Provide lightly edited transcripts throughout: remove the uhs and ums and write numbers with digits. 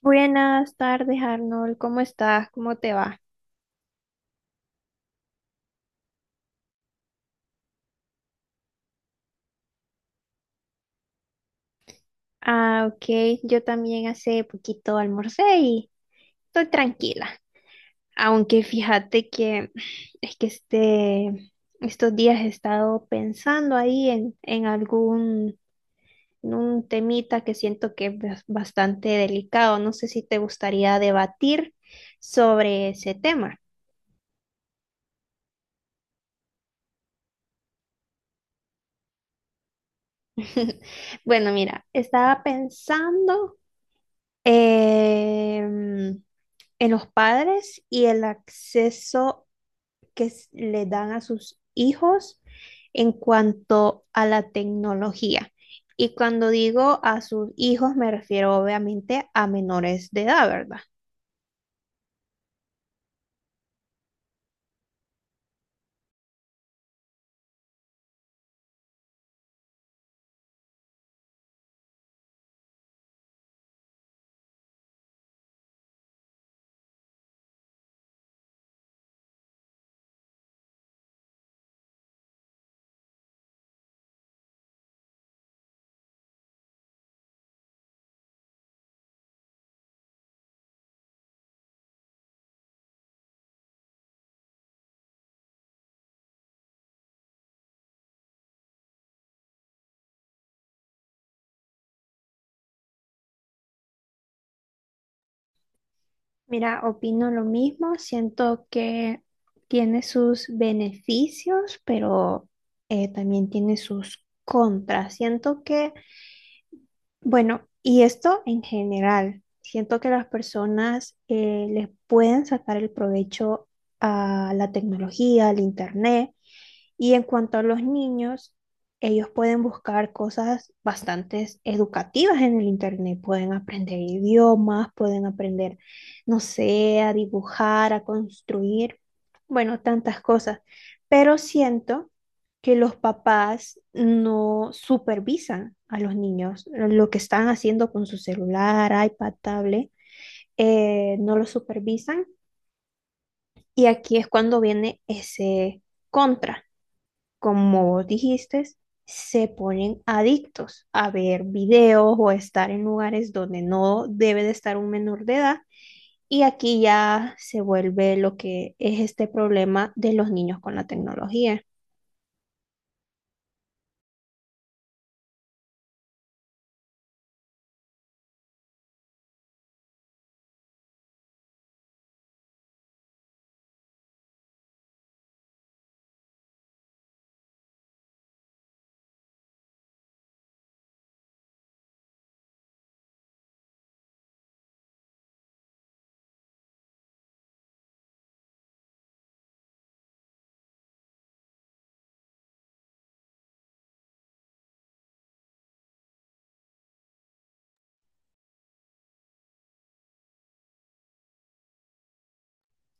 Buenas tardes, Arnold. ¿Cómo estás? ¿Cómo te va? Ah, ok. Yo también hace poquito almorcé y estoy tranquila. Aunque fíjate que es que este, estos días he estado pensando ahí en algún en un temita que siento que es bastante delicado. No sé si te gustaría debatir sobre ese tema. Bueno, mira, estaba pensando. em, en los padres y el acceso que le dan a sus hijos en cuanto a la tecnología. Y cuando digo a sus hijos, me refiero obviamente a menores de edad, ¿verdad? Mira, opino lo mismo, siento que tiene sus beneficios, pero también tiene sus contras. Siento que. Bueno, y esto en general, siento que las personas les pueden sacar el provecho a la tecnología, al internet, y en cuanto a los niños, ellos pueden buscar cosas bastante educativas en el internet. Pueden aprender idiomas, pueden aprender, no sé, a dibujar, a construir, bueno, tantas cosas. Pero siento que los papás no supervisan a los niños lo que están haciendo con su celular, iPad, tablet, no lo supervisan. Y aquí es cuando viene ese contra, como vos dijiste, se ponen adictos a ver videos o a estar en lugares donde no debe de estar un menor de edad. Y aquí ya se vuelve lo que es este problema de los niños con la tecnología.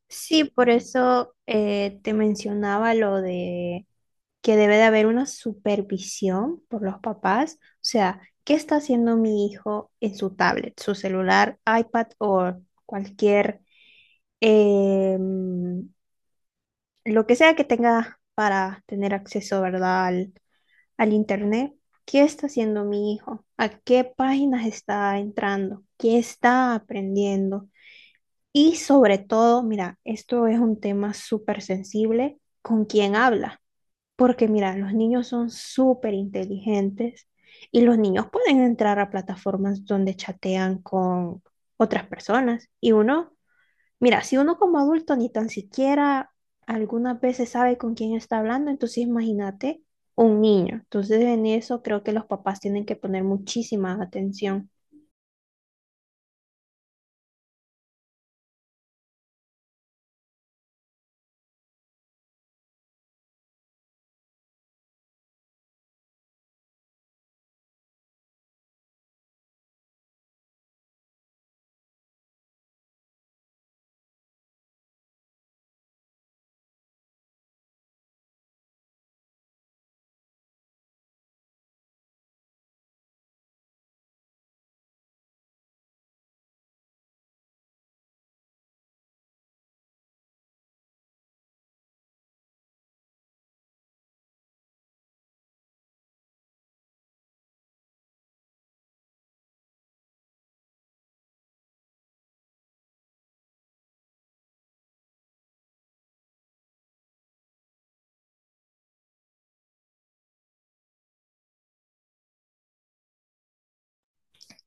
Sí, por eso te mencionaba lo de que debe de haber una supervisión por los papás. O sea, ¿qué está haciendo mi hijo en su tablet, su celular, iPad o cualquier em, lo que sea que tenga para tener acceso, verdad? Al, al internet. ¿Qué está haciendo mi hijo? ¿A qué páginas está entrando? ¿Qué está aprendiendo? Y sobre todo, mira, esto es un tema súper sensible con quién habla, porque mira, los niños son súper inteligentes y los niños pueden entrar a plataformas donde chatean con otras personas y uno. Mira, si uno como adulto ni tan siquiera algunas veces sabe con quién está hablando, entonces imagínate un niño. Entonces en eso creo que los papás tienen que poner muchísima atención.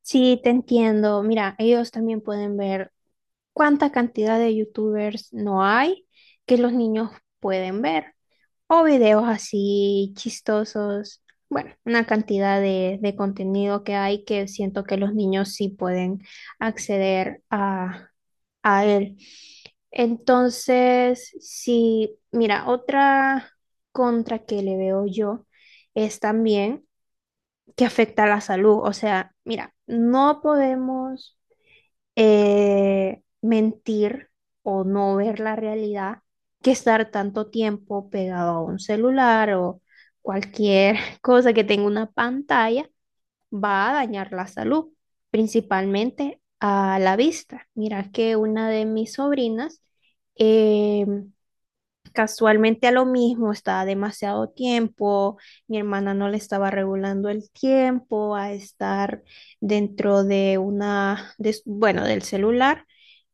Sí, te entiendo. Mira, ellos también pueden ver cuánta cantidad de youtubers no hay que los niños pueden ver. O videos así chistosos. Bueno, una cantidad de contenido que hay que siento que los niños sí pueden acceder a él. Entonces, sí, mira, otra contra que le veo yo es también que afecta a la salud. O sea, mira, no podemos mentir o no ver la realidad que estar tanto tiempo pegado a un celular o cualquier cosa que tenga una pantalla va a dañar la salud, principalmente a la vista. Mira que una de mis sobrinas em, casualmente a lo mismo, estaba demasiado tiempo, mi hermana no le estaba regulando el tiempo a estar dentro de bueno, del celular,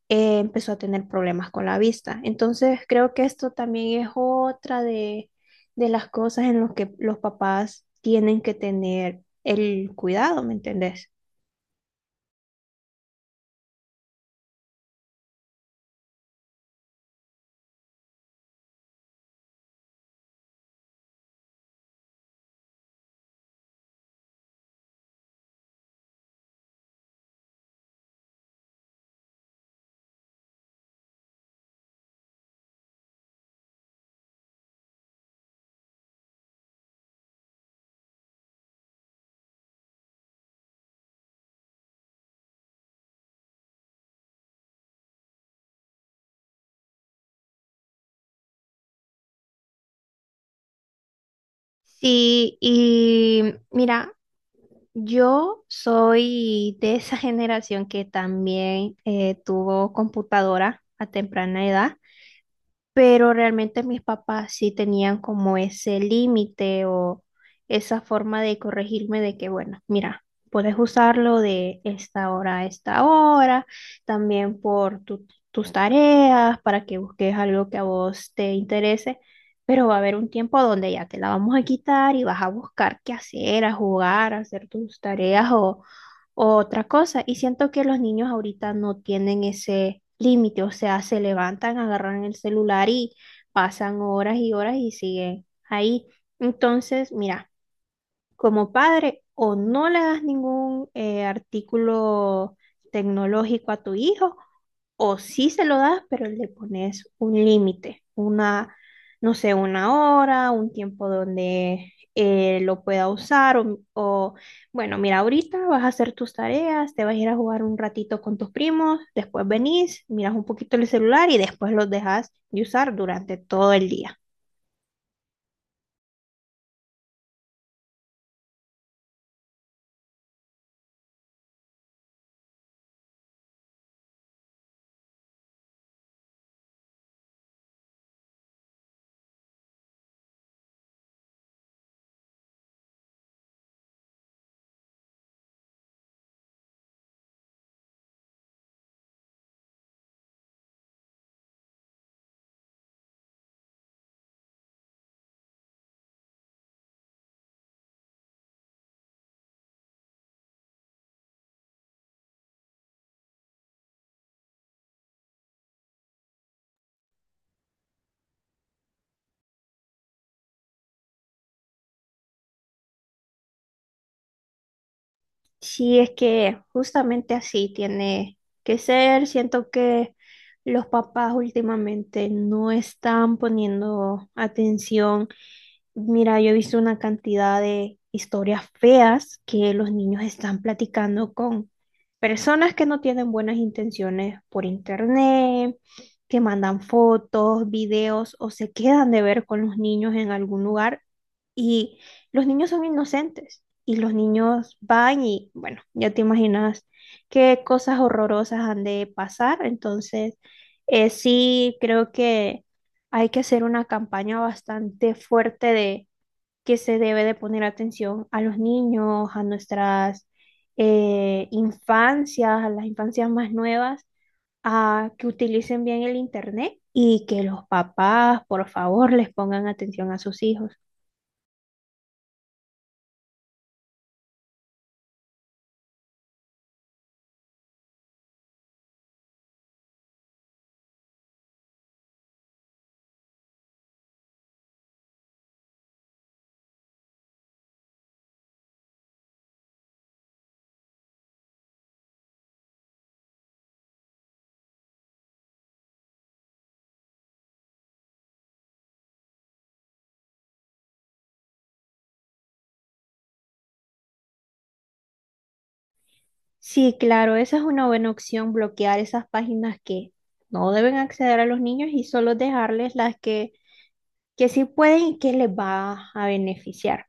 empezó a tener problemas con la vista. Entonces creo que esto también es otra de las cosas en las que los papás tienen que tener el cuidado, ¿me entendés? Sí, y mira, yo soy de esa generación que también tuvo computadora a temprana edad, pero realmente mis papás sí tenían como ese límite o esa forma de corregirme de que, bueno, mira, puedes usarlo de esta hora a esta hora, también por tus tareas, para que busques algo que a vos te interese, pero va a haber un tiempo donde ya te la vamos a quitar y vas a buscar qué hacer, a jugar, a hacer tus tareas o otra cosa. Y siento que los niños ahorita no tienen ese límite, o sea, se levantan, agarran el celular y pasan horas y horas y siguen ahí. Entonces, mira, como padre, o no le das ningún artículo tecnológico a tu hijo o sí se lo das, pero le pones un límite, una, no sé, una hora, un tiempo donde lo pueda usar o, bueno, mira, ahorita vas a hacer tus tareas, te vas a ir a jugar un ratito con tus primos, después venís, miras un poquito el celular y después los dejas de usar durante todo el día. Sí, es que justamente así tiene que ser, siento que... Los papás últimamente no están poniendo atención. Mira, yo he visto una cantidad de historias feas que los niños están platicando con personas que no tienen buenas intenciones por internet, que mandan fotos, videos o se quedan de ver con los niños en algún lugar y los niños son inocentes y los niños van y bueno, ya te imaginas qué cosas horrorosas han de pasar. Entonces, sí creo que hay que hacer una campaña bastante fuerte de que se debe de poner atención a los niños, a nuestras infancias, a las infancias más nuevas, a que utilicen bien el internet y que los papás, por favor, les pongan atención a sus hijos. Sí, claro, esa es una buena opción, bloquear esas páginas que no deben acceder a los niños y solo dejarles las que sí pueden y que les va a beneficiar.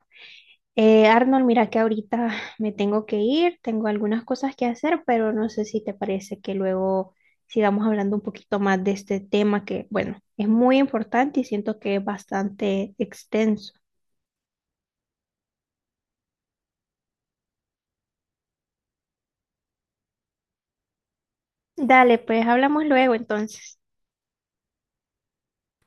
Arnold, mira que ahorita me tengo que ir, tengo algunas cosas que hacer, pero no sé si te parece que luego sigamos hablando un poquito más de este tema que, bueno, es muy importante y siento que es bastante extenso. Dale, pues hablamos luego entonces.